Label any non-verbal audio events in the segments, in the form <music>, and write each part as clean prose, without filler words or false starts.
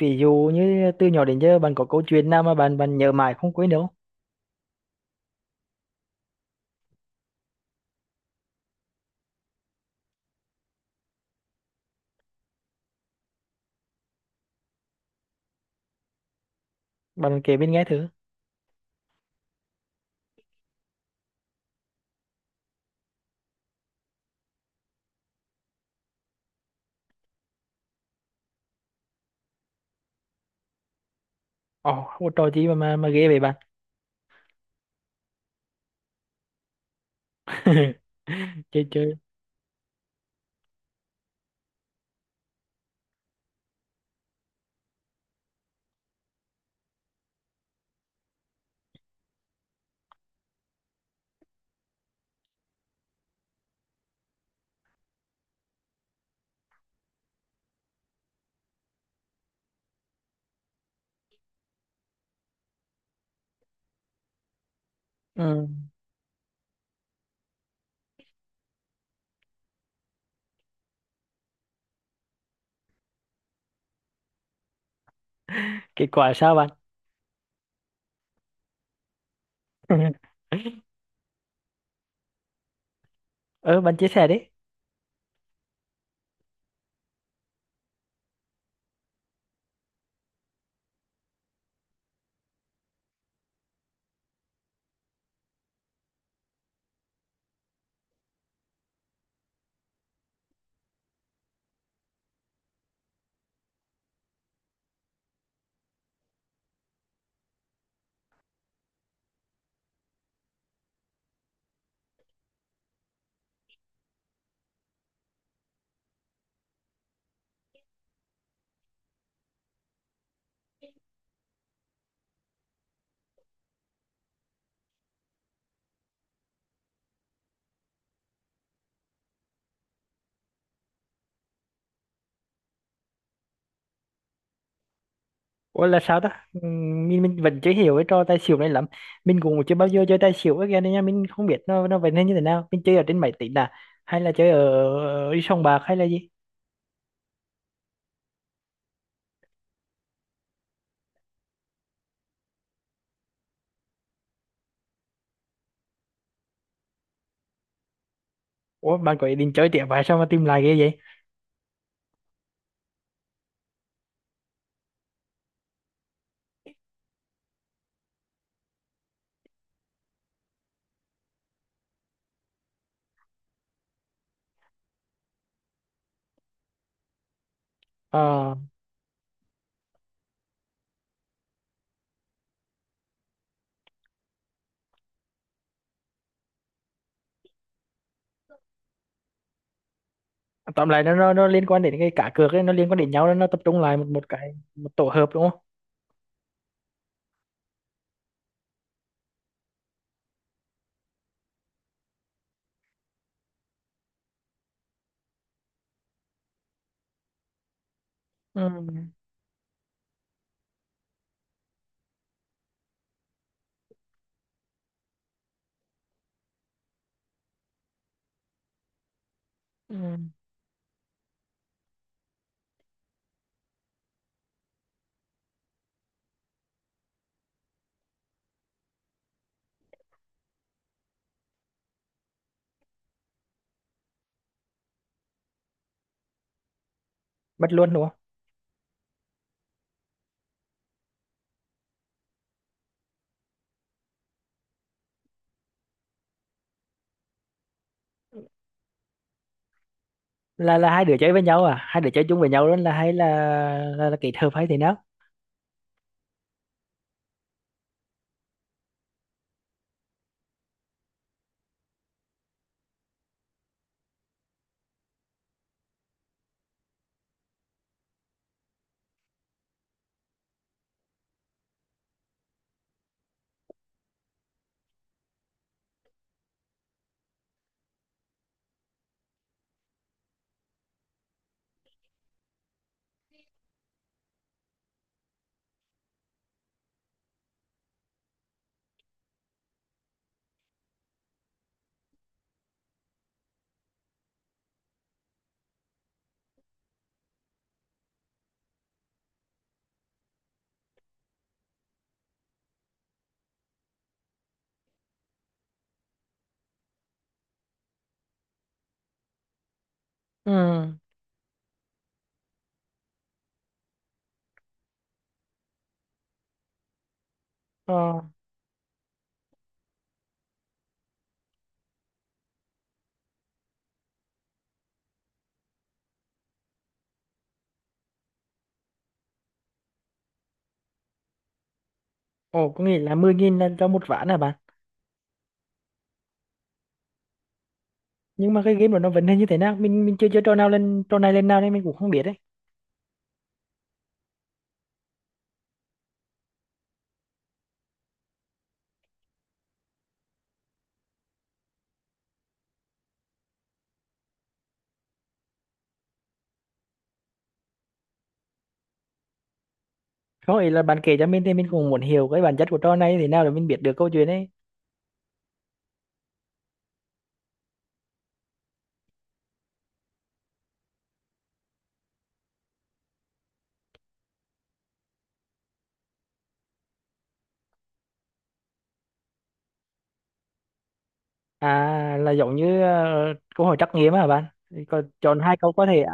Ví dụ như từ nhỏ đến giờ bạn có câu chuyện nào mà bạn bạn nhớ mãi không quên đâu? Bạn kể bên nghe thử. Ồ, không có trò gì mà mà ghê vậy bạn? <laughs> Chơi chơi. Ừ. Kết quả sao bạn? <laughs> Ờ, bạn chia sẻ đi. Ủa là sao ta? Mình vẫn chưa hiểu cái trò tài xỉu này lắm. Mình cũng chưa bao giờ chơi tài xỉu, cái game này nha, mình không biết nó vậy nên như thế nào. Mình chơi ở trên máy tính à, hay là chơi ở sòng bạc hay là gì? Ủa bạn có ý định chơi tiếp vậy sao mà tìm lại ghê vậy? Ờ. Tóm lại nó nó liên quan đến cái cá cược ấy, nó liên quan đến nhau nên nó tập trung lại một một cái, một tổ hợp đúng không? Ừ. Ừ. Mất luôn đúng không? Là là hai đứa chơi với nhau à, hai đứa chơi chung với nhau luôn, là hay là là kết hợp hay thế nào? Ừ. Ờ. Ồ, có nghĩa là mười nghìn là cho một ván à bạn? Nhưng mà cái game của nó vấn đề như thế nào, mình chưa chơi trò nào lên trò này lên nào nên mình cũng không biết đấy. Có nghĩa là bạn kể cho mình thì mình cũng muốn hiểu cái bản chất của trò này thế nào để mình biết được câu chuyện ấy. À, là giống như câu hỏi trắc nghiệm à bạn? Thì còn chọn hai câu có thể.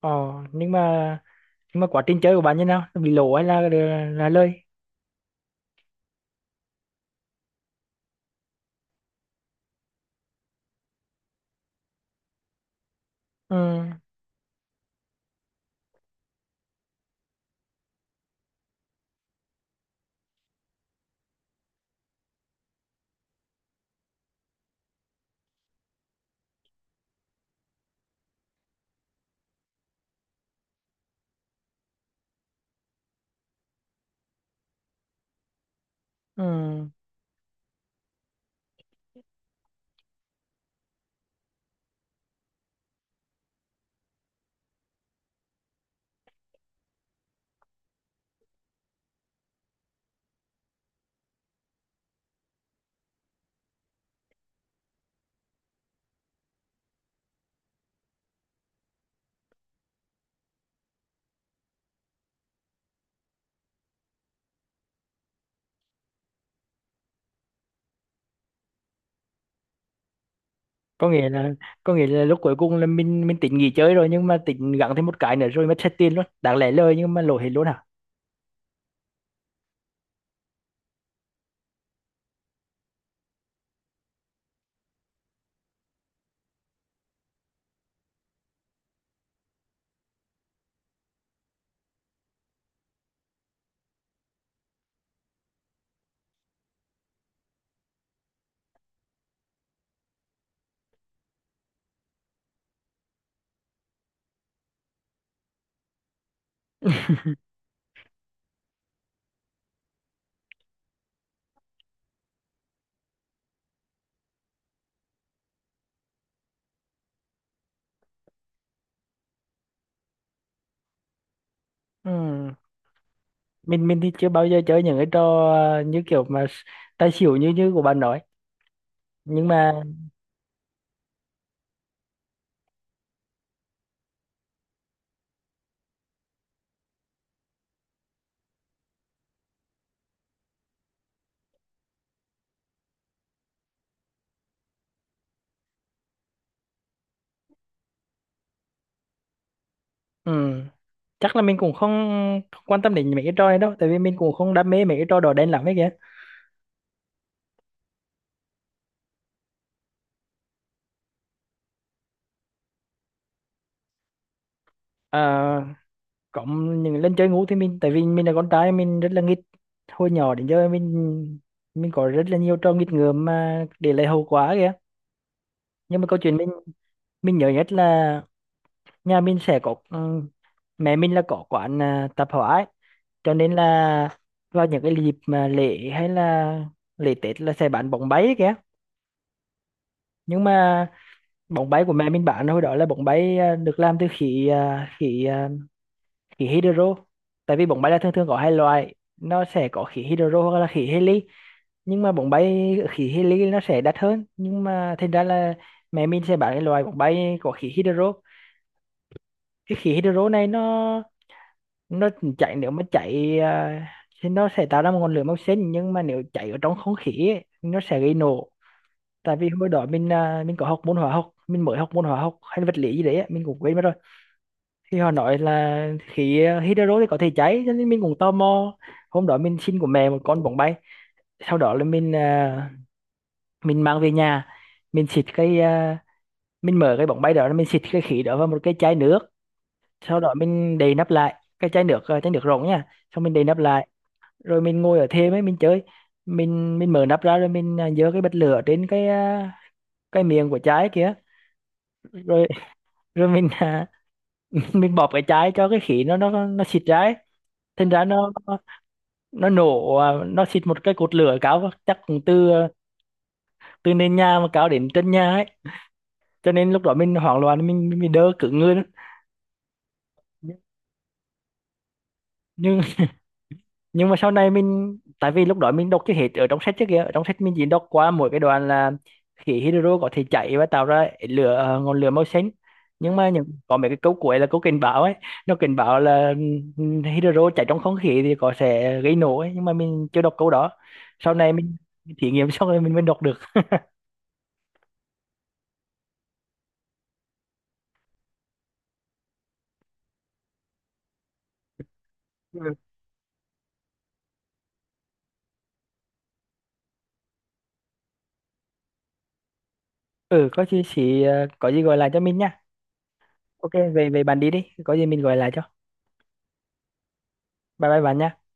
Ờ, nhưng mà nhưng mà quá trình chơi của bạn như nào? Nó bị lỗ hay là lơi? Ừ. Ừ. Có nghĩa là có nghĩa là lúc cuối cùng là mình tính nghỉ chơi rồi nhưng mà tính gắng thêm một cái nữa rồi mất hết tiền luôn. Đáng lẽ lời nhưng mà lỗ hết luôn hả? Ừ. Mình thì chưa bao giờ chơi những cái trò như kiểu mà tài xỉu như như của bạn nói. Nhưng mà ừ, chắc là mình cũng không, không quan tâm đến mấy cái trò này đâu, tại vì mình cũng không đam mê mấy cái trò đỏ đen lắm ấy kìa. Ờ, cộng những lần chơi ngủ thì mình, tại vì mình là con trai mình rất là nghịch, hồi nhỏ đến giờ mình có rất là nhiều trò nghịch ngợm mà để lại hậu quả kìa. Nhưng mà câu chuyện mình nhớ nhất là nhà mình sẽ có mẹ mình là có quán tạp hóa ấy. Cho nên là vào những cái dịp mà lễ hay là lễ Tết là sẽ bán bóng bay kìa. Nhưng mà bóng bay của mẹ mình bán hồi đó là bóng bay được làm từ khí khí hydro. Tại vì bóng bay là thường thường có hai loại, nó sẽ có khí hydro hoặc là khí heli. Nhưng mà bóng bay khí heli nó sẽ đắt hơn, nhưng mà thành ra là mẹ mình sẽ bán cái loại bóng bay có khí hydro. Cái khí hydro này nó chạy, nếu mà chạy thì nó sẽ tạo ra một ngọn lửa màu xanh, nhưng mà nếu chạy ở trong không khí ấy, nó sẽ gây nổ. Tại vì hồi đó mình có học môn hóa học, mình mới học môn hóa học hay vật lý gì đấy á, mình cũng quên mất rồi. Thì họ nói là khí hydro thì có thể cháy, cho nên mình cũng tò mò. Hôm đó mình xin của mẹ một con bóng bay, sau đó là mình mang về nhà. mình xịt cái à, mình mở cái bóng bay đó, mình xịt cái khí đó vào một cái chai nước. Sau đó mình đậy nắp lại cái chai nước chai nước rỗng nha. Xong mình đậy nắp lại, rồi mình ngồi ở thêm ấy mình chơi. Mình mở nắp ra rồi giơ cái bật lửa trên cái cái miệng của chai kia. Rồi rồi mình à, <laughs> mình bóp cái chai cho cái khí nó nó xịt ra ấy. Thành ra nó nổ nó xịt một cái cột lửa cao, chắc cũng từ từ nền nhà mà cao đến chân nhà ấy. Cho nên lúc đó mình hoảng loạn, mình đỡ cứng người lắm. nhưng nhưng mà sau này mình, tại vì lúc đó mình đọc chưa hết ở trong sách, trước kia ở trong sách mình chỉ đọc qua mỗi cái đoạn là khí hydro có thể cháy và tạo ra lửa ngọn lửa màu xanh, nhưng mà những có mấy cái câu cuối là câu cảnh báo ấy. Nó cảnh báo là ừ, hydro cháy trong không khí thì có sẽ gây nổ ấy, nhưng mà mình chưa đọc câu đó. Sau này mình thí nghiệm xong rồi mình mới đọc được. Ừ. Ừ, có gì chỉ có gì gọi lại cho mình nha. OK, về về bạn đi đi, có gì mình gọi lại cho. Bye bye bạn nha.